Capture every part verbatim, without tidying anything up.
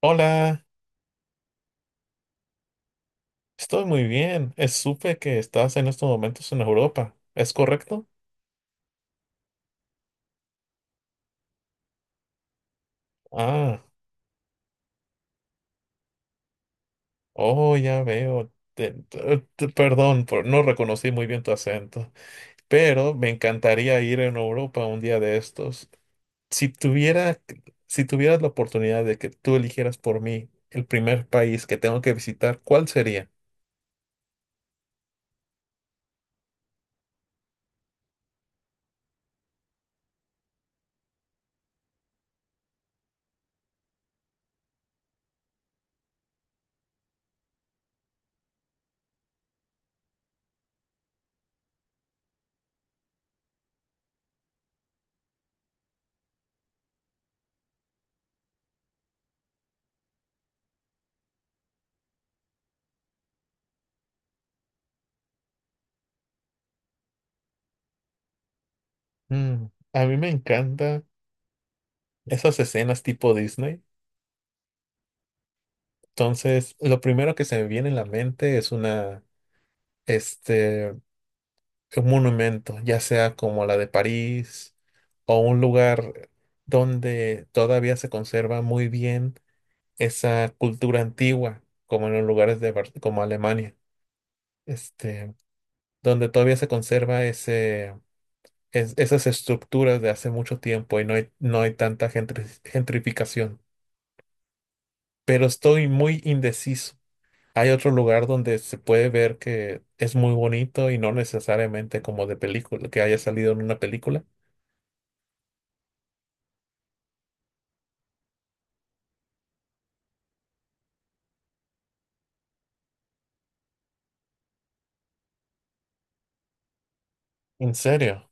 Hola, estoy muy bien. Es- Supe que estás en estos momentos en Europa. ¿Es correcto? Ah, oh, ya veo. Te- te- te- perdón, por- no reconocí muy bien tu acento, pero me encantaría ir en Europa un día de estos. Si tuviera, si tuvieras la oportunidad de que tú eligieras por mí el primer país que tengo que visitar, ¿cuál sería? Mm, a mí me encantan esas escenas tipo Disney. Entonces, lo primero que se me viene en la mente es una este, un monumento, ya sea como la de París o un lugar donde todavía se conserva muy bien esa cultura antigua, como en los lugares de Bar- como Alemania, este, donde todavía se conserva ese, es- esas estructuras de hace mucho tiempo y no hay, no hay tanta gentri- gentrificación. Pero estoy muy indeciso. Hay otro lugar donde se puede ver que es muy bonito y no necesariamente como de película, que haya salido en una película. ¿En serio?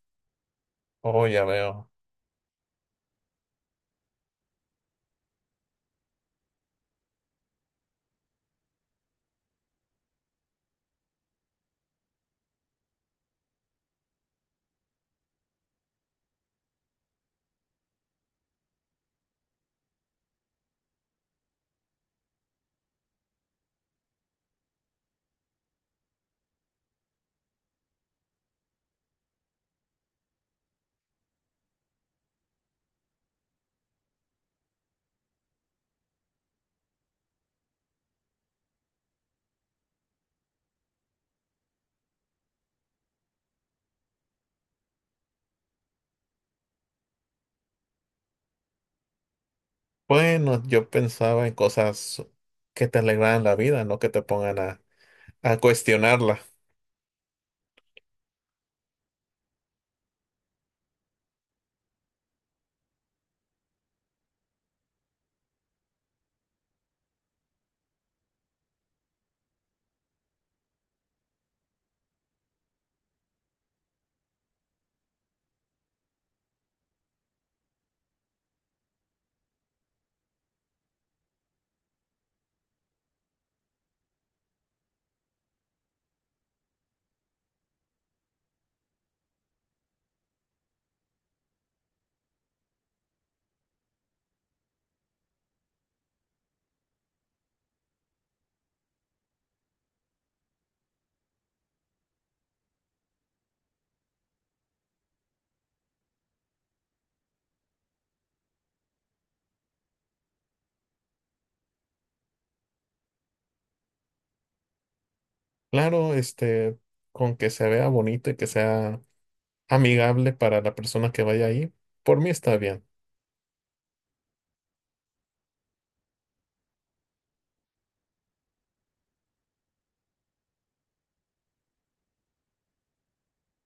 Oh, ya veo. Bueno, yo pensaba en cosas que te alegraran la vida, no que te pongan a, a cuestionarla. Claro, este, con que se vea bonito y que sea amigable para la persona que vaya ahí, por mí está bien.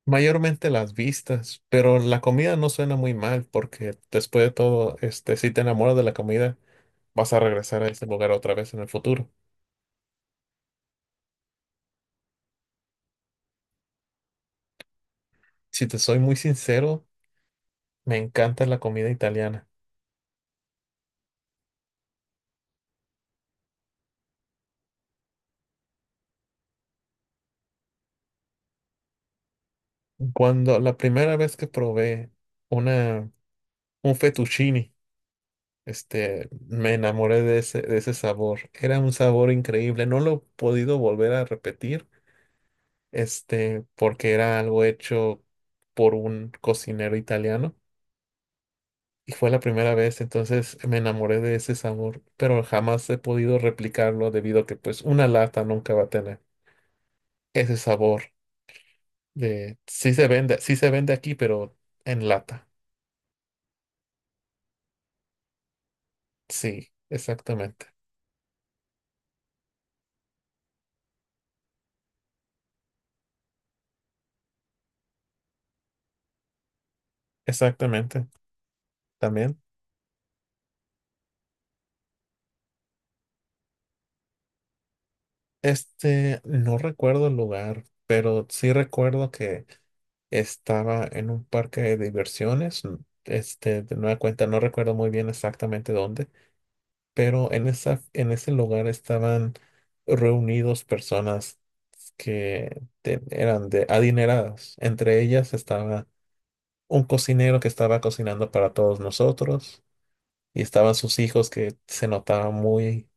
Mayormente las vistas, pero la comida no suena muy mal porque después de todo, este, si te enamoras de la comida, vas a regresar a ese lugar otra vez en el futuro. Si te soy muy sincero, me encanta la comida italiana. Cuando la primera vez que probé una, un fettuccine, este, me enamoré de ese, de ese sabor. Era un sabor increíble. No lo he podido volver a repetir, este, porque era algo hecho por un cocinero italiano. Y fue la primera vez, entonces me enamoré de ese sabor, pero jamás he podido replicarlo debido a que pues una lata nunca va a tener ese sabor de sí se vende, sí se vende aquí, pero en lata. Sí, exactamente. Exactamente, también. Este, no recuerdo el lugar, pero sí recuerdo que estaba en un parque de diversiones. N- Este, de nueva cuenta, no recuerdo muy bien exactamente dónde, pero en esa, en ese lugar estaban reunidos personas que te- eran de adineradas. Entre ellas estaba un cocinero que estaba cocinando para todos nosotros y estaban sus hijos que se notaban muy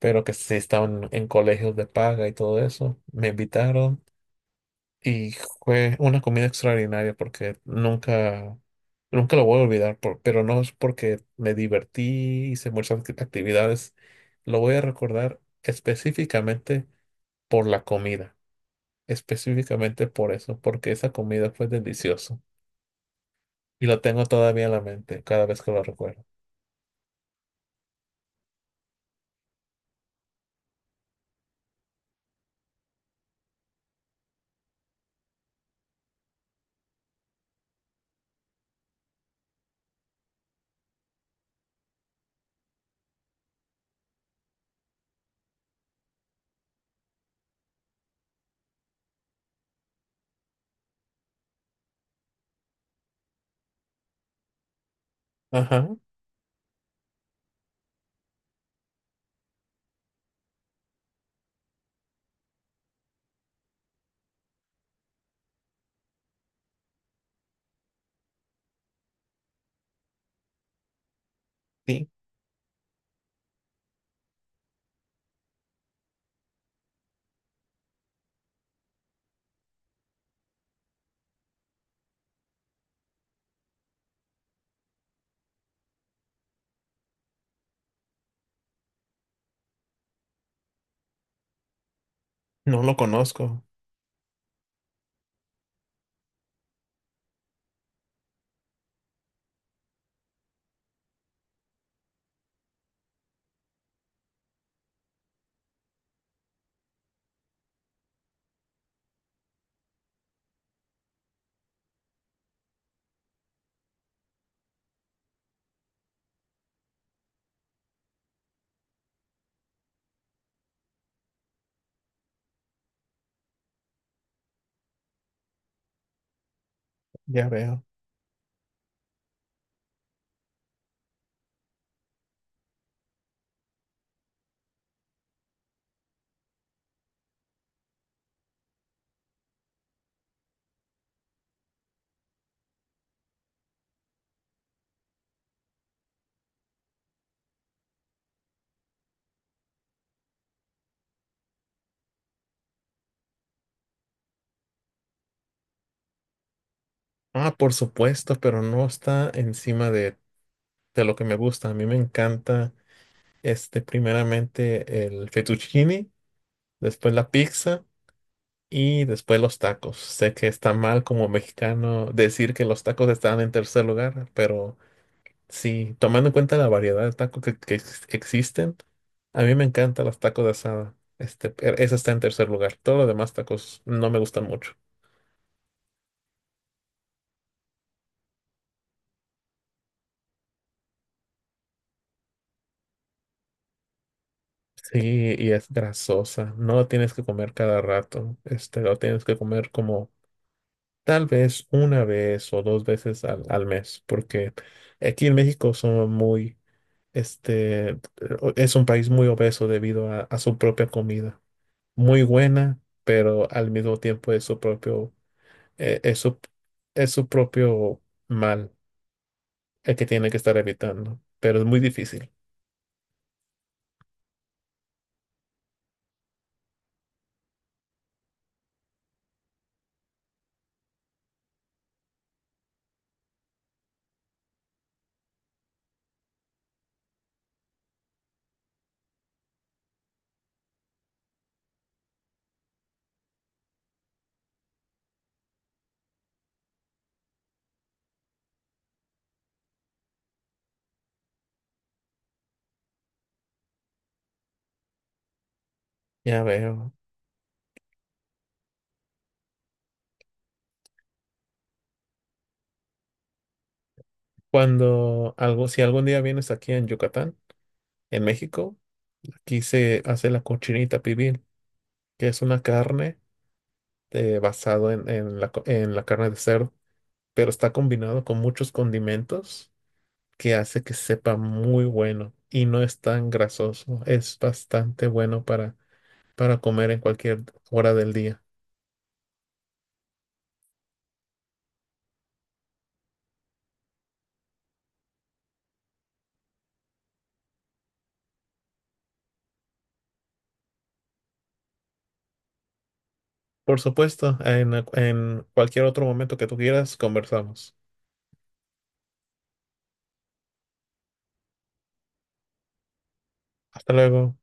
pero que sí estaban en colegios de paga y todo eso. Me invitaron y fue una comida extraordinaria porque nunca, nunca lo voy a olvidar, por- pero no es porque me divertí, hice muchas act- actividades. Lo voy a recordar específicamente por la comida, específicamente por eso, porque esa comida fue deliciosa y lo tengo todavía en la mente cada vez que lo recuerdo. Ajá, sí, no lo conozco, ya veo. Ah, por supuesto, pero no está encima de de lo que me gusta. A mí me encanta, este, primeramente el fettuccine, después la pizza y después los tacos. Sé que está mal como mexicano decir que los tacos están en tercer lugar, pero sí, tomando en cuenta la variedad de tacos que, que ex- existen, a mí me encantan los tacos de asada. Este, e- esa está en tercer lugar. Todos los demás tacos no me gustan mucho. Sí, y es grasosa. No lo tienes que comer cada rato. Este, lo tienes que comer como Tal vez una vez o dos veces al, al mes, porque aquí en México somos muy, este, o- es un país muy obeso debido a, a su propia comida. Muy buena, pero al mismo tiempo es su propio, eh, es su, es su propio mal el que tiene que estar evitando, pero es muy difícil. Ya veo. Cuando algo, si algún día vienes aquí en Yucatán, en México, aquí se hace la cochinita pibil, que es una carne. Eh, basado en, en la, co- en la carne de cerdo, pero está combinado con muchos condimentos que hace que sepa muy bueno y no es tan grasoso. Es bastante bueno para, para comer en cualquier hora del día. Por supuesto, en en cualquier otro momento que tú quieras, conversamos. Hasta luego.